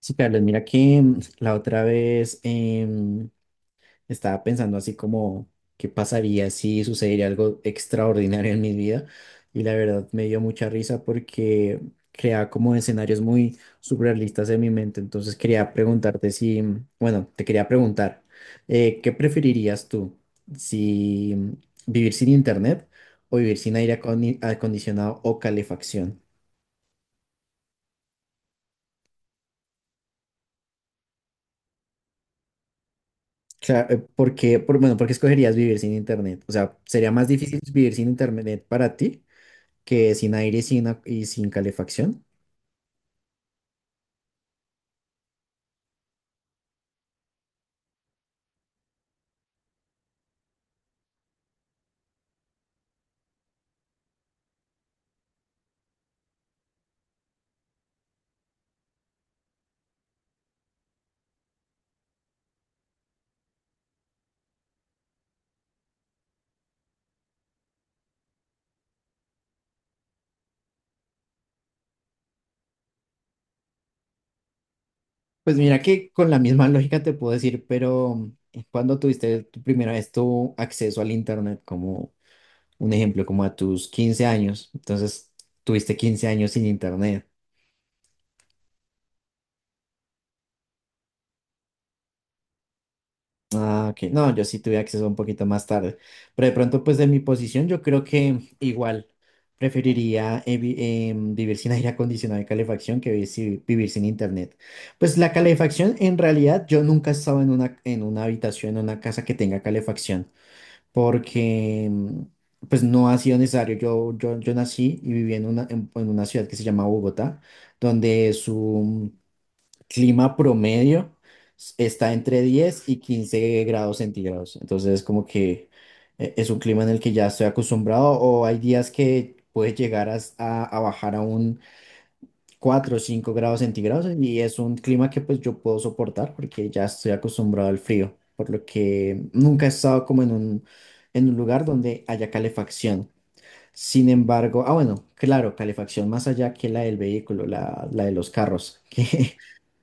Sí, Carlos, mira que la otra vez estaba pensando así como qué pasaría si sucediera algo extraordinario en mi vida, y la verdad me dio mucha risa porque creaba como escenarios muy surrealistas en mi mente. Entonces quería preguntarte si, bueno, te quería preguntar, ¿qué preferirías tú? ¿Si vivir sin internet o vivir sin aire acondicionado o calefacción? Claro. ¿Por qué escogerías vivir sin internet? O sea, ¿sería más difícil vivir sin internet para ti que sin aire y sin calefacción? Pues mira que con la misma lógica te puedo decir, pero cuando tuviste tu primera vez tu acceso al internet, como un ejemplo, como a tus 15 años, entonces tuviste 15 años sin internet. Ah, ok. No, yo sí tuve acceso un poquito más tarde. Pero de pronto, pues de mi posición, yo creo que igual preferiría vivir sin aire acondicionado y calefacción que vivir sin internet. Pues la calefacción, en realidad, yo nunca he estado en en una habitación, en una casa que tenga calefacción, porque pues no ha sido necesario. Yo nací y viví en una ciudad que se llama Bogotá, donde su clima promedio está entre 10 y 15 grados centígrados. Entonces, como que es un clima en el que ya estoy acostumbrado, o hay días que puede llegar a bajar a un 4 o 5 grados centígrados, y es un clima que pues yo puedo soportar porque ya estoy acostumbrado al frío, por lo que nunca he estado como en en un lugar donde haya calefacción. Sin embargo, bueno, claro, calefacción más allá que la del vehículo, la de los carros, que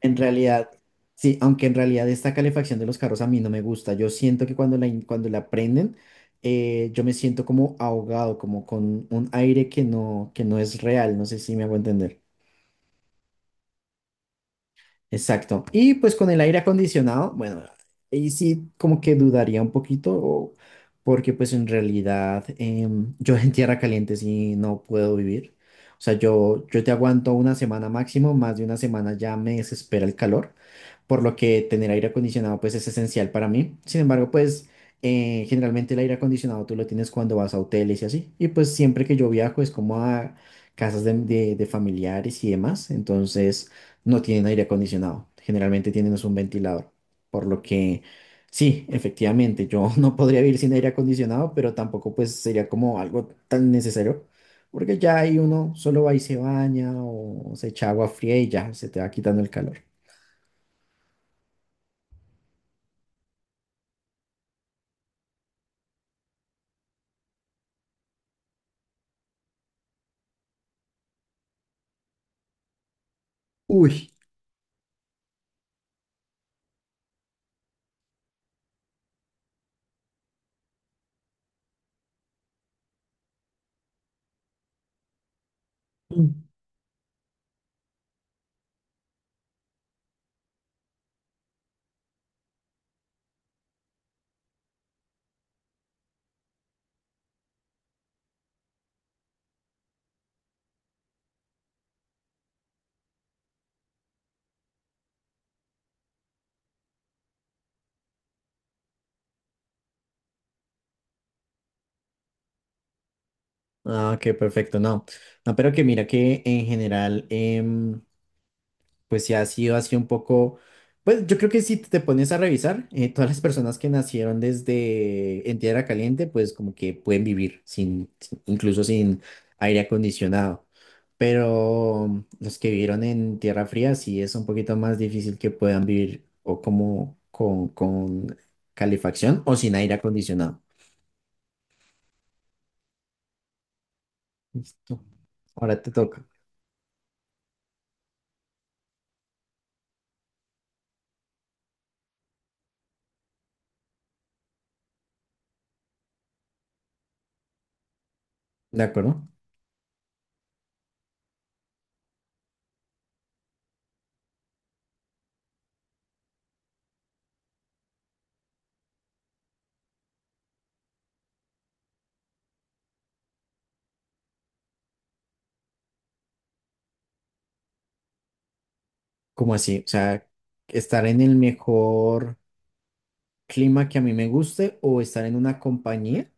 en realidad, sí, aunque en realidad esta calefacción de los carros a mí no me gusta. Yo siento que cuando cuando la prenden, yo me siento como ahogado, como con un aire que no es real. No sé si me hago entender. Exacto. Y pues con el aire acondicionado, bueno, ahí sí como que dudaría un poquito, porque pues en realidad yo en tierra caliente sí no puedo vivir. O sea, yo te aguanto una semana máximo, más de una semana ya me desespera el calor, por lo que tener aire acondicionado pues es esencial para mí. Sin embargo, pues generalmente el aire acondicionado tú lo tienes cuando vas a hoteles y así. Y pues siempre que yo viajo es como a casas de familiares y demás. Entonces no tienen aire acondicionado, generalmente tienen es un ventilador, por lo que sí, efectivamente, yo no podría vivir sin aire acondicionado, pero tampoco pues sería como algo tan necesario, porque ya ahí uno solo va y se baña o se echa agua fría y ya se te va quitando el calor. Uy. Mm. Ah, qué perfecto, no. No, pero que mira que en general, pues sí ha sido así un poco, pues yo creo que si te pones a revisar, todas las personas que nacieron desde en tierra caliente, pues como que pueden vivir incluso sin aire acondicionado. Pero los que vivieron en tierra fría sí es un poquito más difícil que puedan vivir o como con calefacción o sin aire acondicionado. Listo. Ahora te toca. ¿De acuerdo? ¿Como así? O sea, estar en el mejor clima que a mí me guste o estar en una compañía.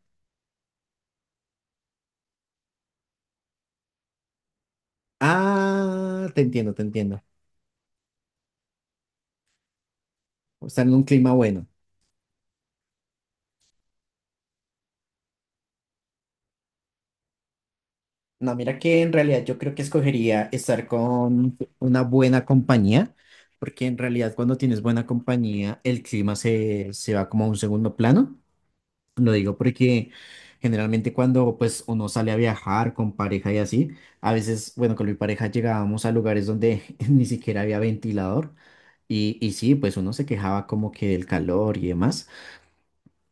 Ah, te entiendo, te entiendo. O estar en un clima bueno. No, mira que en realidad yo creo que escogería estar con una buena compañía, porque en realidad cuando tienes buena compañía, el clima se va como a un segundo plano. Lo digo porque generalmente cuando pues uno sale a viajar con pareja y así, a veces, bueno, con mi pareja llegábamos a lugares donde ni siquiera había ventilador y sí, pues uno se quejaba como que del calor y demás,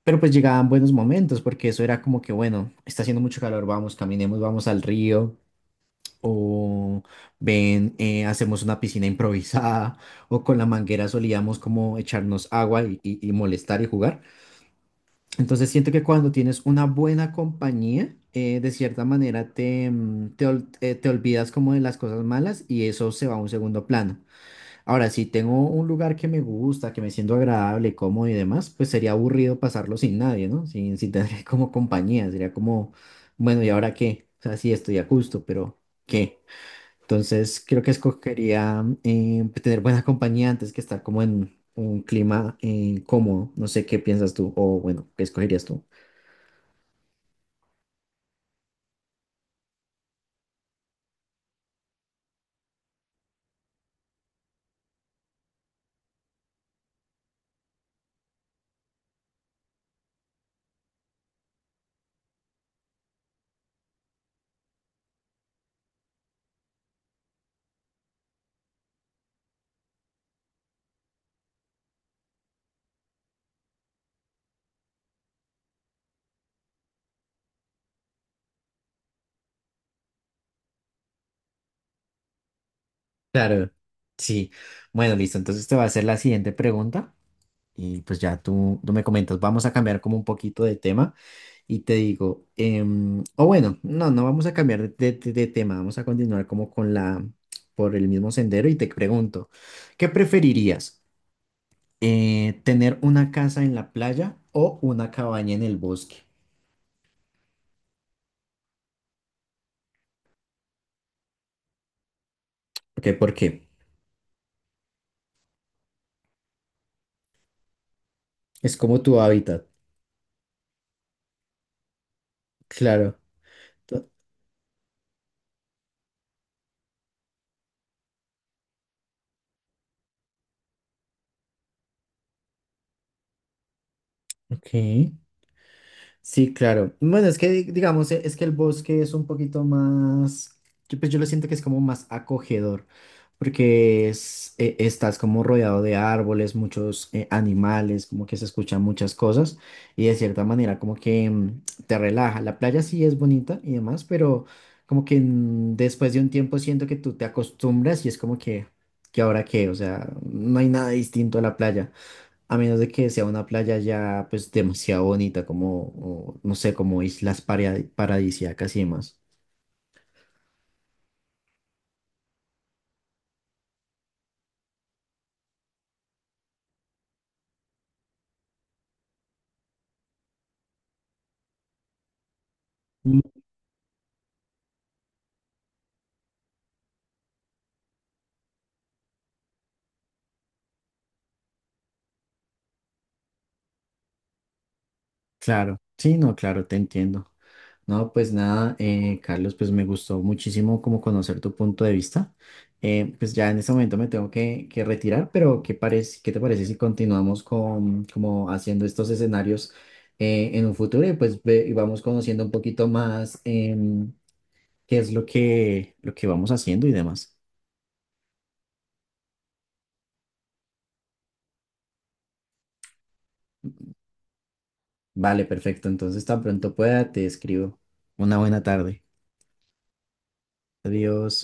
pero pues llegaban buenos momentos porque eso era como que, bueno, está haciendo mucho calor, vamos, caminemos, vamos al río o ven, hacemos una piscina improvisada o con la manguera solíamos como echarnos agua y molestar y jugar. Entonces siento que cuando tienes una buena compañía, de cierta manera te, mm, te, ol- te olvidas como de las cosas malas y eso se va a un segundo plano. Ahora, si tengo un lugar que me gusta, que me siento agradable, cómodo y demás, pues sería aburrido pasarlo sin nadie, ¿no? Sin tener como compañía, sería como, bueno, ¿y ahora qué? O sea, sí estoy a gusto, pero ¿qué? Entonces creo que escogería tener buena compañía antes que estar como en un clima cómodo. No sé qué piensas tú o bueno, ¿qué escogerías tú? Claro, sí. Bueno, listo. Entonces te voy a hacer la siguiente pregunta y pues ya tú me comentas. Vamos a cambiar como un poquito de tema y te digo, o bueno, no, no vamos a cambiar de tema. Vamos a continuar por el mismo sendero y te pregunto, ¿qué preferirías? ¿Tener una casa en la playa o una cabaña en el bosque? Ok, ¿por qué? Es como tu hábitat. Claro. to- Ok. Sí, claro. Bueno, es que digamos, es que el bosque es un poquito más, pues yo lo siento que es como más acogedor, porque estás como rodeado de árboles, muchos animales, como que se escuchan muchas cosas y de cierta manera como que te relaja. La playa sí es bonita y demás, pero como que después de un tiempo siento que tú te acostumbras y es como ¿que ahora qué? O sea, no hay nada distinto a la playa. A menos de que sea una playa ya pues demasiado bonita como, o, no sé, como islas paradisíacas y demás. Mm. Claro, sí, no, claro, te entiendo. No, pues nada, Carlos, pues me gustó muchísimo como conocer tu punto de vista. Pues ya en este momento me tengo que retirar, pero ¿qué te parece si continuamos con como haciendo estos escenarios en un futuro y pues y vamos conociendo un poquito más qué es lo que vamos haciendo y demás? Vale, perfecto. Entonces, tan pronto pueda, te escribo. Una buena tarde. Adiós.